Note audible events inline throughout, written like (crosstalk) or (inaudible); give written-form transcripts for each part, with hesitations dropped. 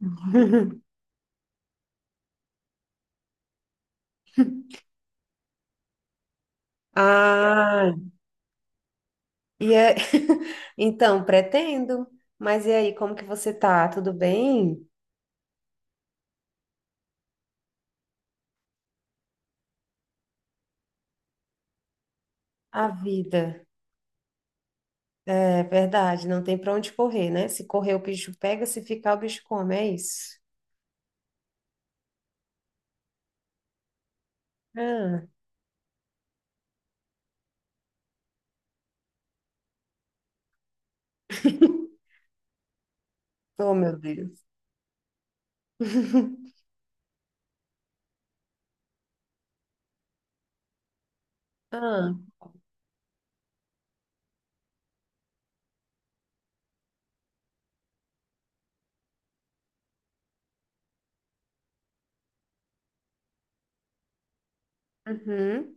(laughs) Ah, e (laughs) então, pretendo. Mas e aí, como que você tá? Tudo bem? A vida, é verdade, não tem pra onde correr, né? Se correr, o bicho pega, se ficar, o bicho come, é isso. Ah, (laughs) oh, meu Deus. (laughs) Ah, uhum,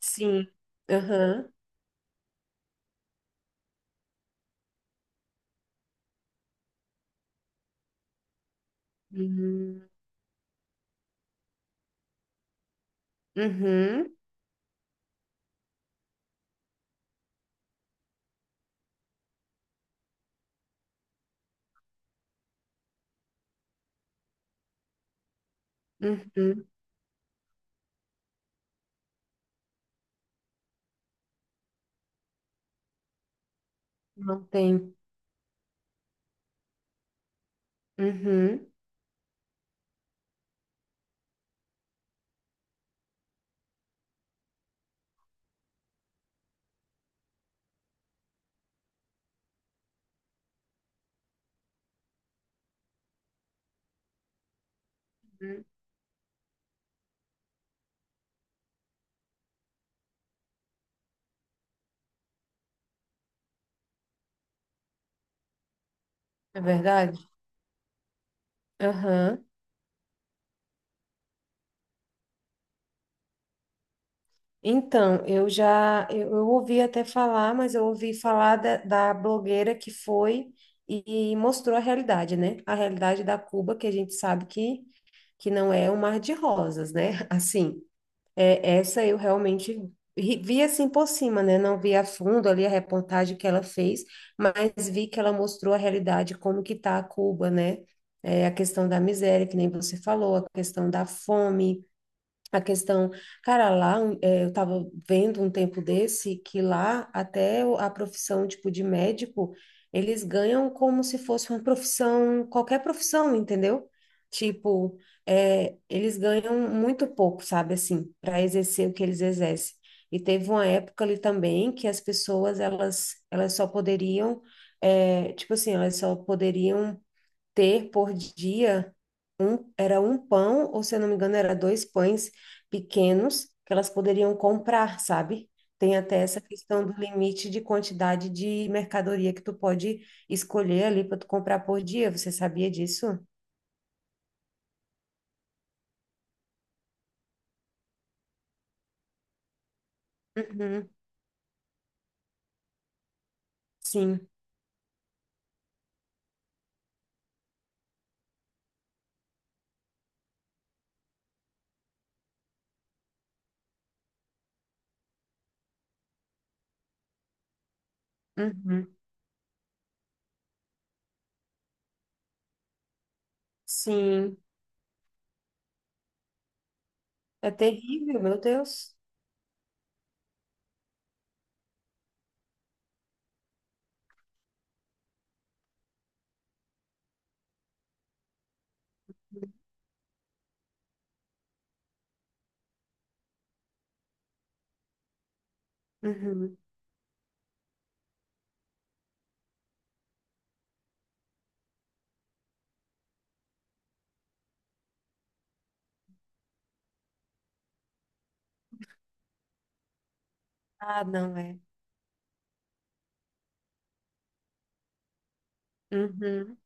sim, aham, uhum, uhum, uhum, não tem, uhum, uhum, é verdade? Aham. Então, eu ouvi até falar, mas eu ouvi falar da blogueira que foi e mostrou a realidade, né? A realidade da Cuba, que a gente sabe que não é um mar de rosas, né? (laughs) Assim, essa eu realmente vi assim por cima, né? Não vi a fundo ali a reportagem que ela fez, mas vi que ela mostrou a realidade, como que tá a Cuba, né? É, a questão da miséria, que nem você falou, a questão da fome, a questão, cara, lá um, eu tava vendo um tempo desse que lá até a profissão tipo de médico, eles ganham como se fosse uma profissão, qualquer profissão, entendeu? Tipo, eles ganham muito pouco, sabe, assim, para exercer o que eles exercem. E teve uma época ali também que as pessoas elas só poderiam, tipo assim, elas só poderiam ter por dia era um pão, ou se eu não me engano, era dois pães pequenos que elas poderiam comprar, sabe? Tem até essa questão do limite de quantidade de mercadoria que tu pode escolher ali para tu comprar por dia. Você sabia disso? Uhum, sim, uhum, sim. É terrível, meu Deus. Uhum. Ah, não é. Uhum.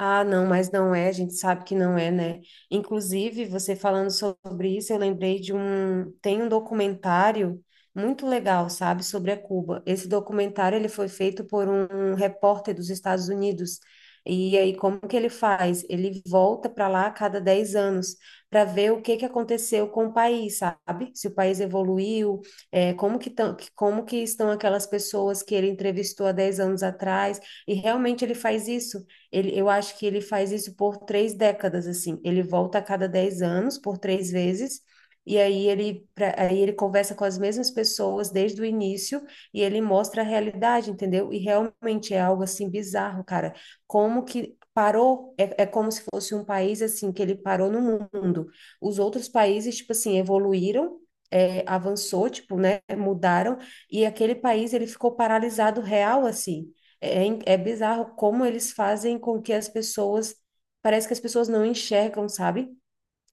Ah, não, mas não é, a gente sabe que não é, né? Inclusive, você falando sobre isso, eu lembrei tem um documentário muito legal, sabe, sobre a Cuba. Esse documentário, ele foi feito por um repórter dos Estados Unidos. E aí, como que ele faz? Ele volta para lá a cada 10 anos para ver o que que aconteceu com o país, sabe? Se o país evoluiu, é, como que tão, como que estão aquelas pessoas que ele entrevistou há 10 anos atrás. E realmente ele faz isso. Ele, eu acho que ele faz isso por 3 décadas, assim. Ele volta a cada 10 anos, por três vezes, e aí ele, aí ele conversa com as mesmas pessoas desde o início e ele mostra a realidade, entendeu? E realmente é algo assim bizarro, cara. Como que parou? É como se fosse um país assim que ele parou no mundo. Os outros países, tipo assim, evoluíram. Avançou, tipo, né, mudaram, e aquele país, ele ficou paralisado real, assim, é bizarro como eles fazem com que as pessoas, parece que as pessoas não enxergam, sabe?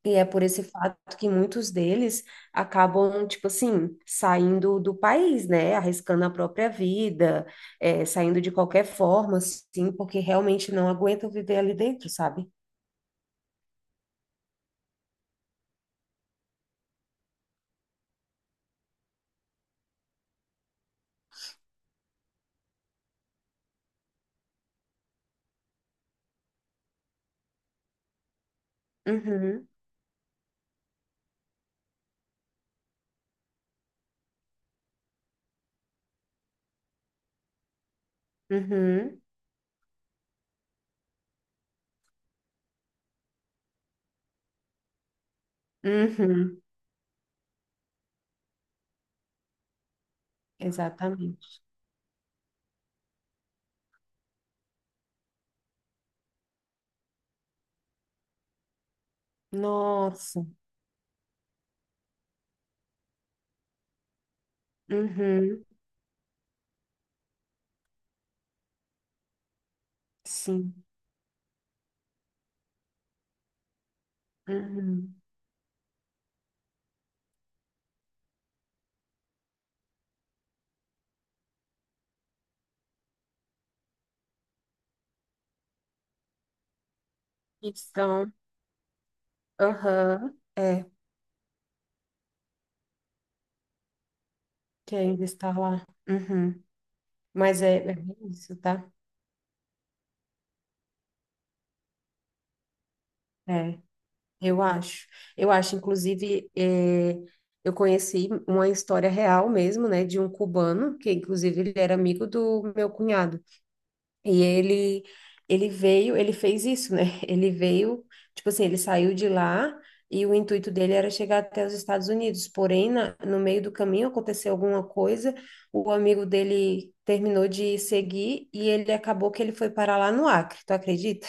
E é por esse fato que muitos deles acabam, tipo assim, saindo do país, né? Arriscando a própria vida, é, saindo de qualquer forma, assim, porque realmente não aguentam viver ali dentro, sabe? Uhum, uhum, uhum, exatamente. Nossa, uhum, sim, uhum. Então, aham, é. Que ainda está lá. Uhum. Mas é, é bem isso, tá? É, eu acho. Eu acho, inclusive, é, eu conheci uma história real mesmo, né, de um cubano, que inclusive ele era amigo do meu cunhado. E ele veio, ele fez isso, né? (laughs) Ele veio, tipo assim, ele saiu de lá e o intuito dele era chegar até os Estados Unidos. Porém, no meio do caminho aconteceu alguma coisa, o amigo dele terminou de seguir e ele acabou que ele foi parar lá no Acre, tu acredita?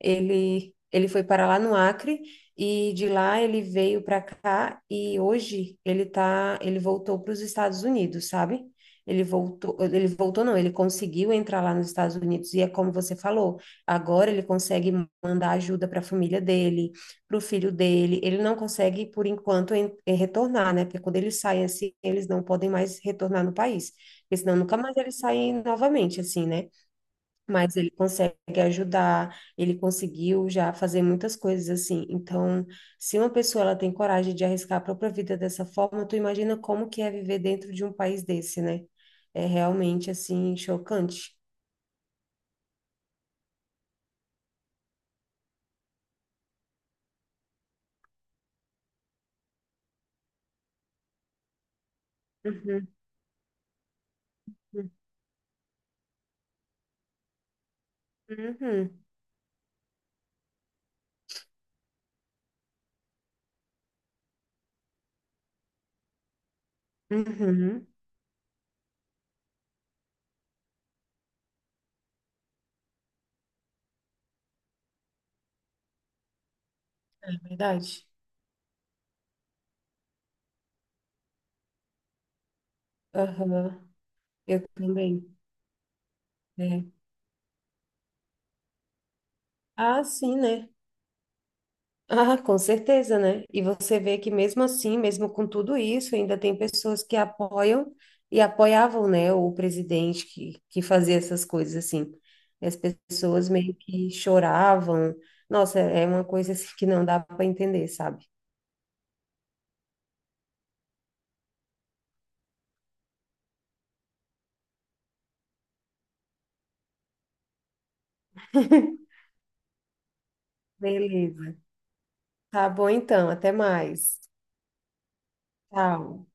Ele foi para lá no Acre e de lá ele veio para cá e hoje ele tá, ele voltou para os Estados Unidos, sabe? Ele voltou não, ele conseguiu entrar lá nos Estados Unidos e é como você falou, agora ele consegue mandar ajuda para a família dele, para o filho dele. Ele não consegue por enquanto em retornar, né? Porque quando eles saem assim, eles não podem mais retornar no país, porque senão nunca mais eles saem novamente assim, né? Mas ele consegue ajudar, ele conseguiu já fazer muitas coisas assim. Então, se uma pessoa ela tem coragem de arriscar a própria vida dessa forma, tu imagina como que é viver dentro de um país desse, né? É realmente assim chocante. Uhum, uhum, uhum. É verdade. Aham, eu também. É. Ah, sim, né? Ah, com certeza, né? E você vê que mesmo assim, mesmo com tudo isso, ainda tem pessoas que apoiam e apoiavam, né, o presidente que fazia essas coisas assim. E as pessoas meio que choravam. Nossa, é uma coisa assim que não dá para entender, sabe? (laughs) Beleza. Tá bom então, até mais. Tchau.